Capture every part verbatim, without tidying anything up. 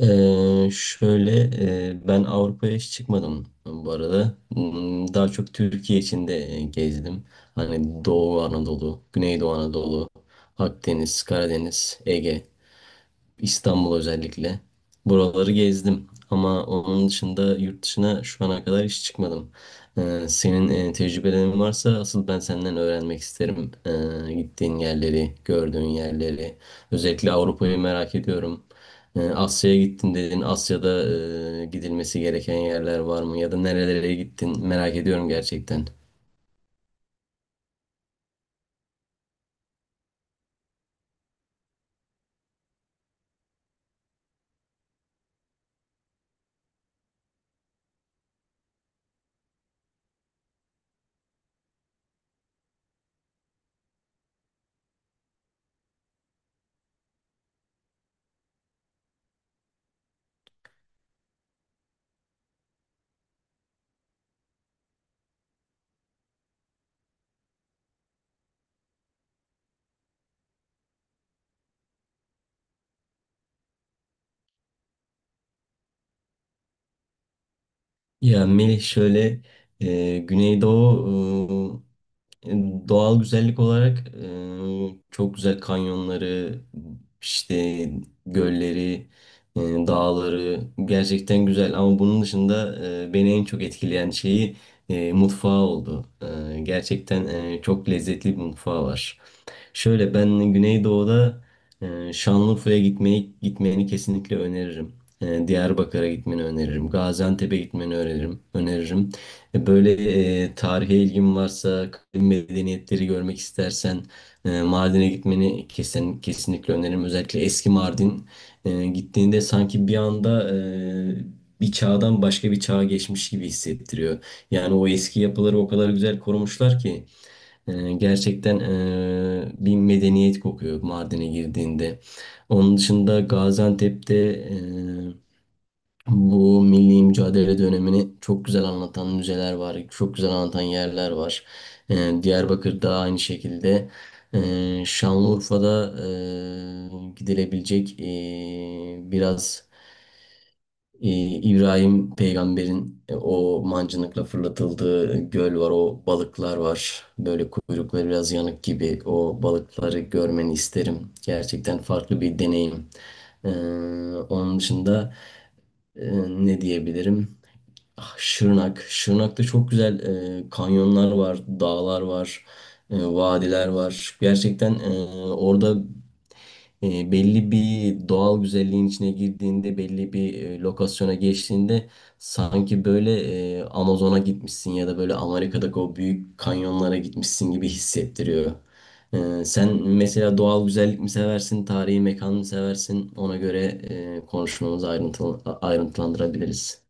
Ee, şöyle e, ben Avrupa'ya hiç çıkmadım bu arada. Hmm, Daha çok Türkiye içinde e, gezdim. Hani Doğu Anadolu, Güneydoğu Anadolu, Akdeniz, Karadeniz, Ege. İstanbul özellikle. Buraları gezdim ama onun dışında yurt dışına şu ana kadar hiç çıkmadım. Ee, senin e, tecrübelerin varsa asıl ben senden öğrenmek isterim. Ee, gittiğin yerleri, gördüğün yerleri. Özellikle Avrupa'yı merak ediyorum. Ee, Asya'ya gittin dedin. Asya'da e, gidilmesi gereken yerler var mı? Ya da nerelere gittin? Merak ediyorum gerçekten. Ya Melih, şöyle, e, Güneydoğu. E, Doğal güzellik olarak e, çok güzel kanyonları, işte gölleri, e, dağları gerçekten güzel. Ama bunun dışında, e, beni en çok etkileyen şeyi, e, mutfağı oldu. E, gerçekten, e, çok lezzetli bir mutfağı var. Şöyle ben Güneydoğu'da, e, Şanlıurfa'ya gitmeyi gitmeni kesinlikle öneririm. E, Diyarbakır'a gitmeni öneririm. Gaziantep'e gitmeni öneririm. Öneririm. E, Böyle, e, tarihe ilgin varsa, kadim medeniyetleri görmek istersen, e, Mardin'e gitmeni kesin kesinlikle öneririm. Özellikle eski Mardin, e, gittiğinde sanki bir anda, e, bir çağdan başka bir çağa geçmiş gibi hissettiriyor. Yani o eski yapıları o kadar güzel korumuşlar ki. Ee, gerçekten, ee, bir medeniyet kokuyor Mardin'e girdiğinde. Onun dışında Gaziantep'te, ee, bu milli mücadele dönemini çok güzel anlatan müzeler var, çok güzel anlatan yerler var. Ee, Diyarbakır'da aynı şekilde. Ee, Şanlıurfa'da, ee, gidilebilecek, ee, biraz, e, İbrahim peygamberin e, o mancınıkla fırlatıldığı göl var, o balıklar var. Böyle kuyrukları biraz yanık gibi o balıkları görmeni isterim. Gerçekten farklı bir deneyim. Ee, Onun dışında, e, ne diyebilirim? Ah, Şırnak. Şırnak'ta çok güzel e, kanyonlar var, dağlar var, e, vadiler var. Gerçekten, e, orada, e, belli bir doğal güzelliğin içine girdiğinde, belli bir e, lokasyona geçtiğinde sanki böyle, e, Amazon'a gitmişsin ya da böyle Amerika'daki o büyük kanyonlara gitmişsin gibi hissettiriyor. E, sen mesela doğal güzellik mi seversin, tarihi mekan mı seversin? Ona göre, e, konuşmamızı ayrıntılı, ayrıntılandırabiliriz.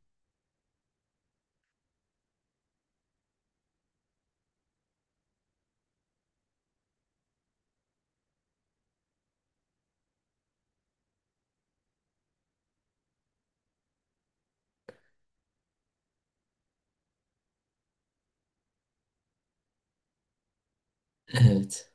Evet.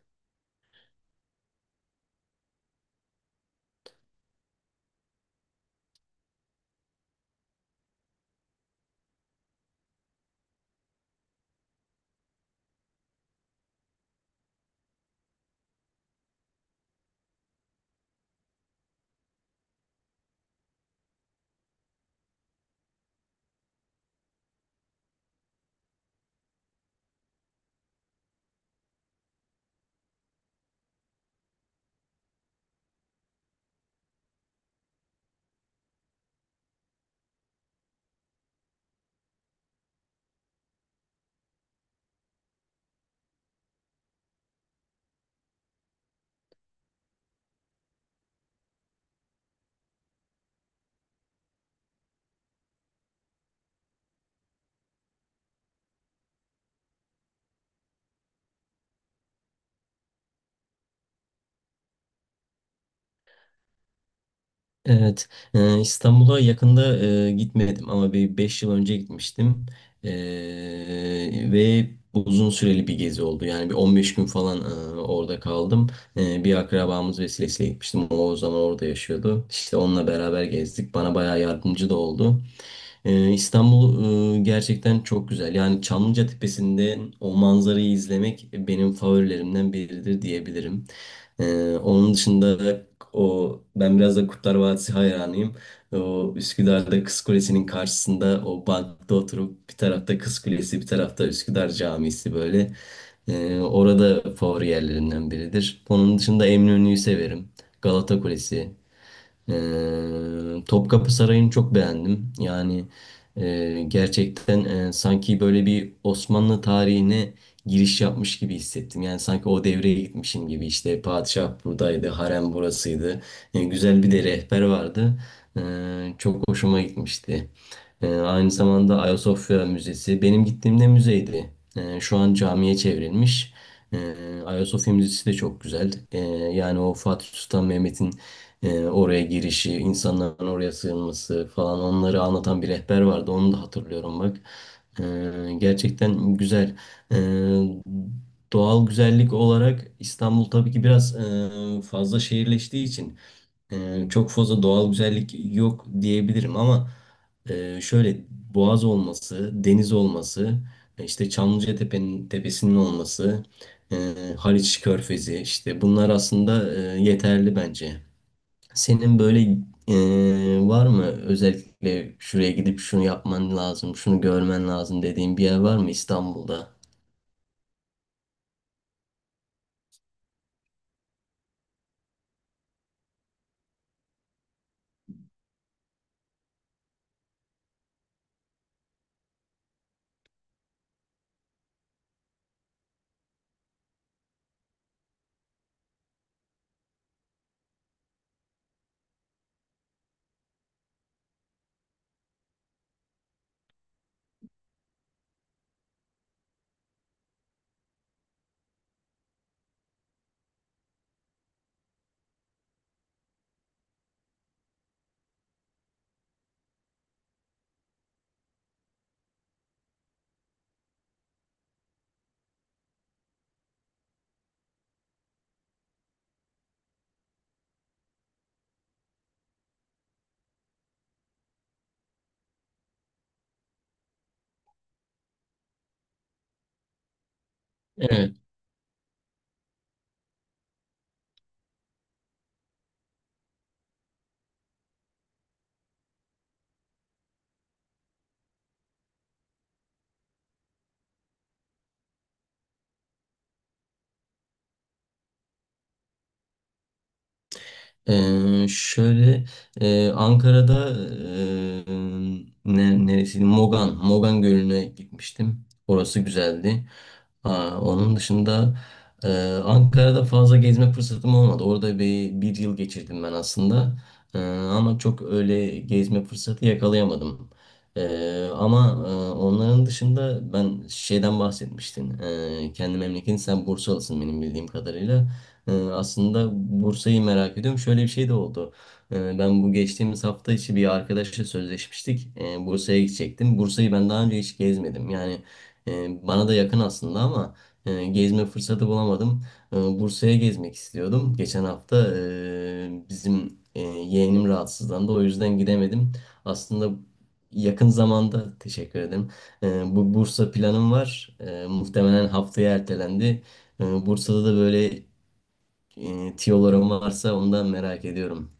Evet, e, İstanbul'a yakında e, gitmedim ama bir beş yıl önce gitmiştim, E, ve uzun süreli bir gezi oldu. Yani bir on beş gün falan, e, orada kaldım. E, bir akrabamız vesilesiyle gitmiştim. O, o zaman orada yaşıyordu. İşte onunla beraber gezdik. Bana bayağı yardımcı da oldu. E, İstanbul e, gerçekten çok güzel. Yani Çamlıca Tepesi'nde o manzarayı izlemek benim favorilerimden biridir diyebilirim. Ee, onun dışında, o ben biraz da Kurtlar Vadisi hayranıyım. O Üsküdar'da Kız Kulesi'nin karşısında o bankta oturup bir tarafta Kız Kulesi bir tarafta Üsküdar Camisi böyle. Ee, orada favori yerlerinden biridir. Onun dışında Eminönü'yü severim. Galata Kulesi. Ee, Topkapı Sarayı'nı çok beğendim. Yani, e, gerçekten, e, sanki böyle bir Osmanlı tarihine giriş yapmış gibi hissettim. Yani sanki o devreye gitmişim gibi. İşte padişah buradaydı, harem burasıydı. E, güzel bir de rehber vardı. E, Çok hoşuma gitmişti. E, aynı zamanda Ayasofya Müzesi benim gittiğimde müzeydi. E, şu an camiye çevrilmiş. E, Ayasofya Müzesi de çok güzel. E, yani o Fatih Sultan Mehmet'in e, oraya girişi, insanların oraya sığınması falan onları anlatan bir rehber vardı. Onu da hatırlıyorum bak. E, gerçekten güzel. E, Doğal güzellik olarak İstanbul tabii ki biraz, e, fazla şehirleştiği için, e, çok fazla doğal güzellik yok diyebilirim ama, e, şöyle boğaz olması, deniz olması, e, işte Çamlıca Tepe'nin tepesinin olması, e, Haliç Körfezi işte bunlar aslında, e, yeterli bence. Senin böyle, e, var mı özellikle şuraya gidip şunu yapman lazım, şunu görmen lazım dediğin bir yer var mı İstanbul'da? Evet. Ee, şöyle, e, Ankara'da, e, ne, neresiydi? Mogan, Mogan Gölü'ne gitmiştim. Orası güzeldi. Aa, onun dışında, e, Ankara'da fazla gezme fırsatım olmadı. Orada bir, bir yıl geçirdim ben aslında. Ee, ama çok öyle gezme fırsatı yakalayamadım. Ee, ama, e, onların dışında ben şeyden bahsetmiştin. Ee, kendi memleketin sen Bursalısın benim bildiğim kadarıyla. Ee, Aslında Bursa'yı merak ediyorum. Şöyle bir şey de oldu. Ee, Ben bu geçtiğimiz hafta içi bir arkadaşla sözleşmiştik. Ee, Bursa'ya gidecektim. Bursa'yı ben daha önce hiç gezmedim. Yani, e, bana da yakın aslında ama, e, gezme fırsatı bulamadım. Ee, Bursa'ya gezmek istiyordum. Geçen hafta, e, bizim, e, yeğenim rahatsızlandı. O yüzden gidemedim. Aslında yakın zamanda teşekkür ederim. Ee, Bu Bursa planım var. Ee, Muhtemelen haftaya ertelendi. Ee, Bursa'da da böyle, e, tiyolarım varsa ondan merak ediyorum.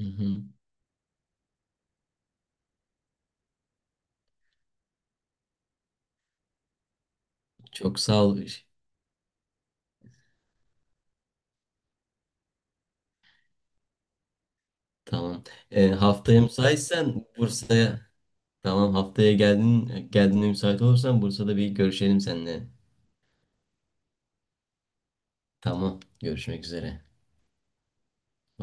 Hı hı. Çok sağ ol. Tamam. E, haftaya müsaitsen Bursa'ya, tamam, haftaya geldin geldiğinde müsait olursan Bursa'da bir görüşelim seninle. Tamam. Görüşmek üzere.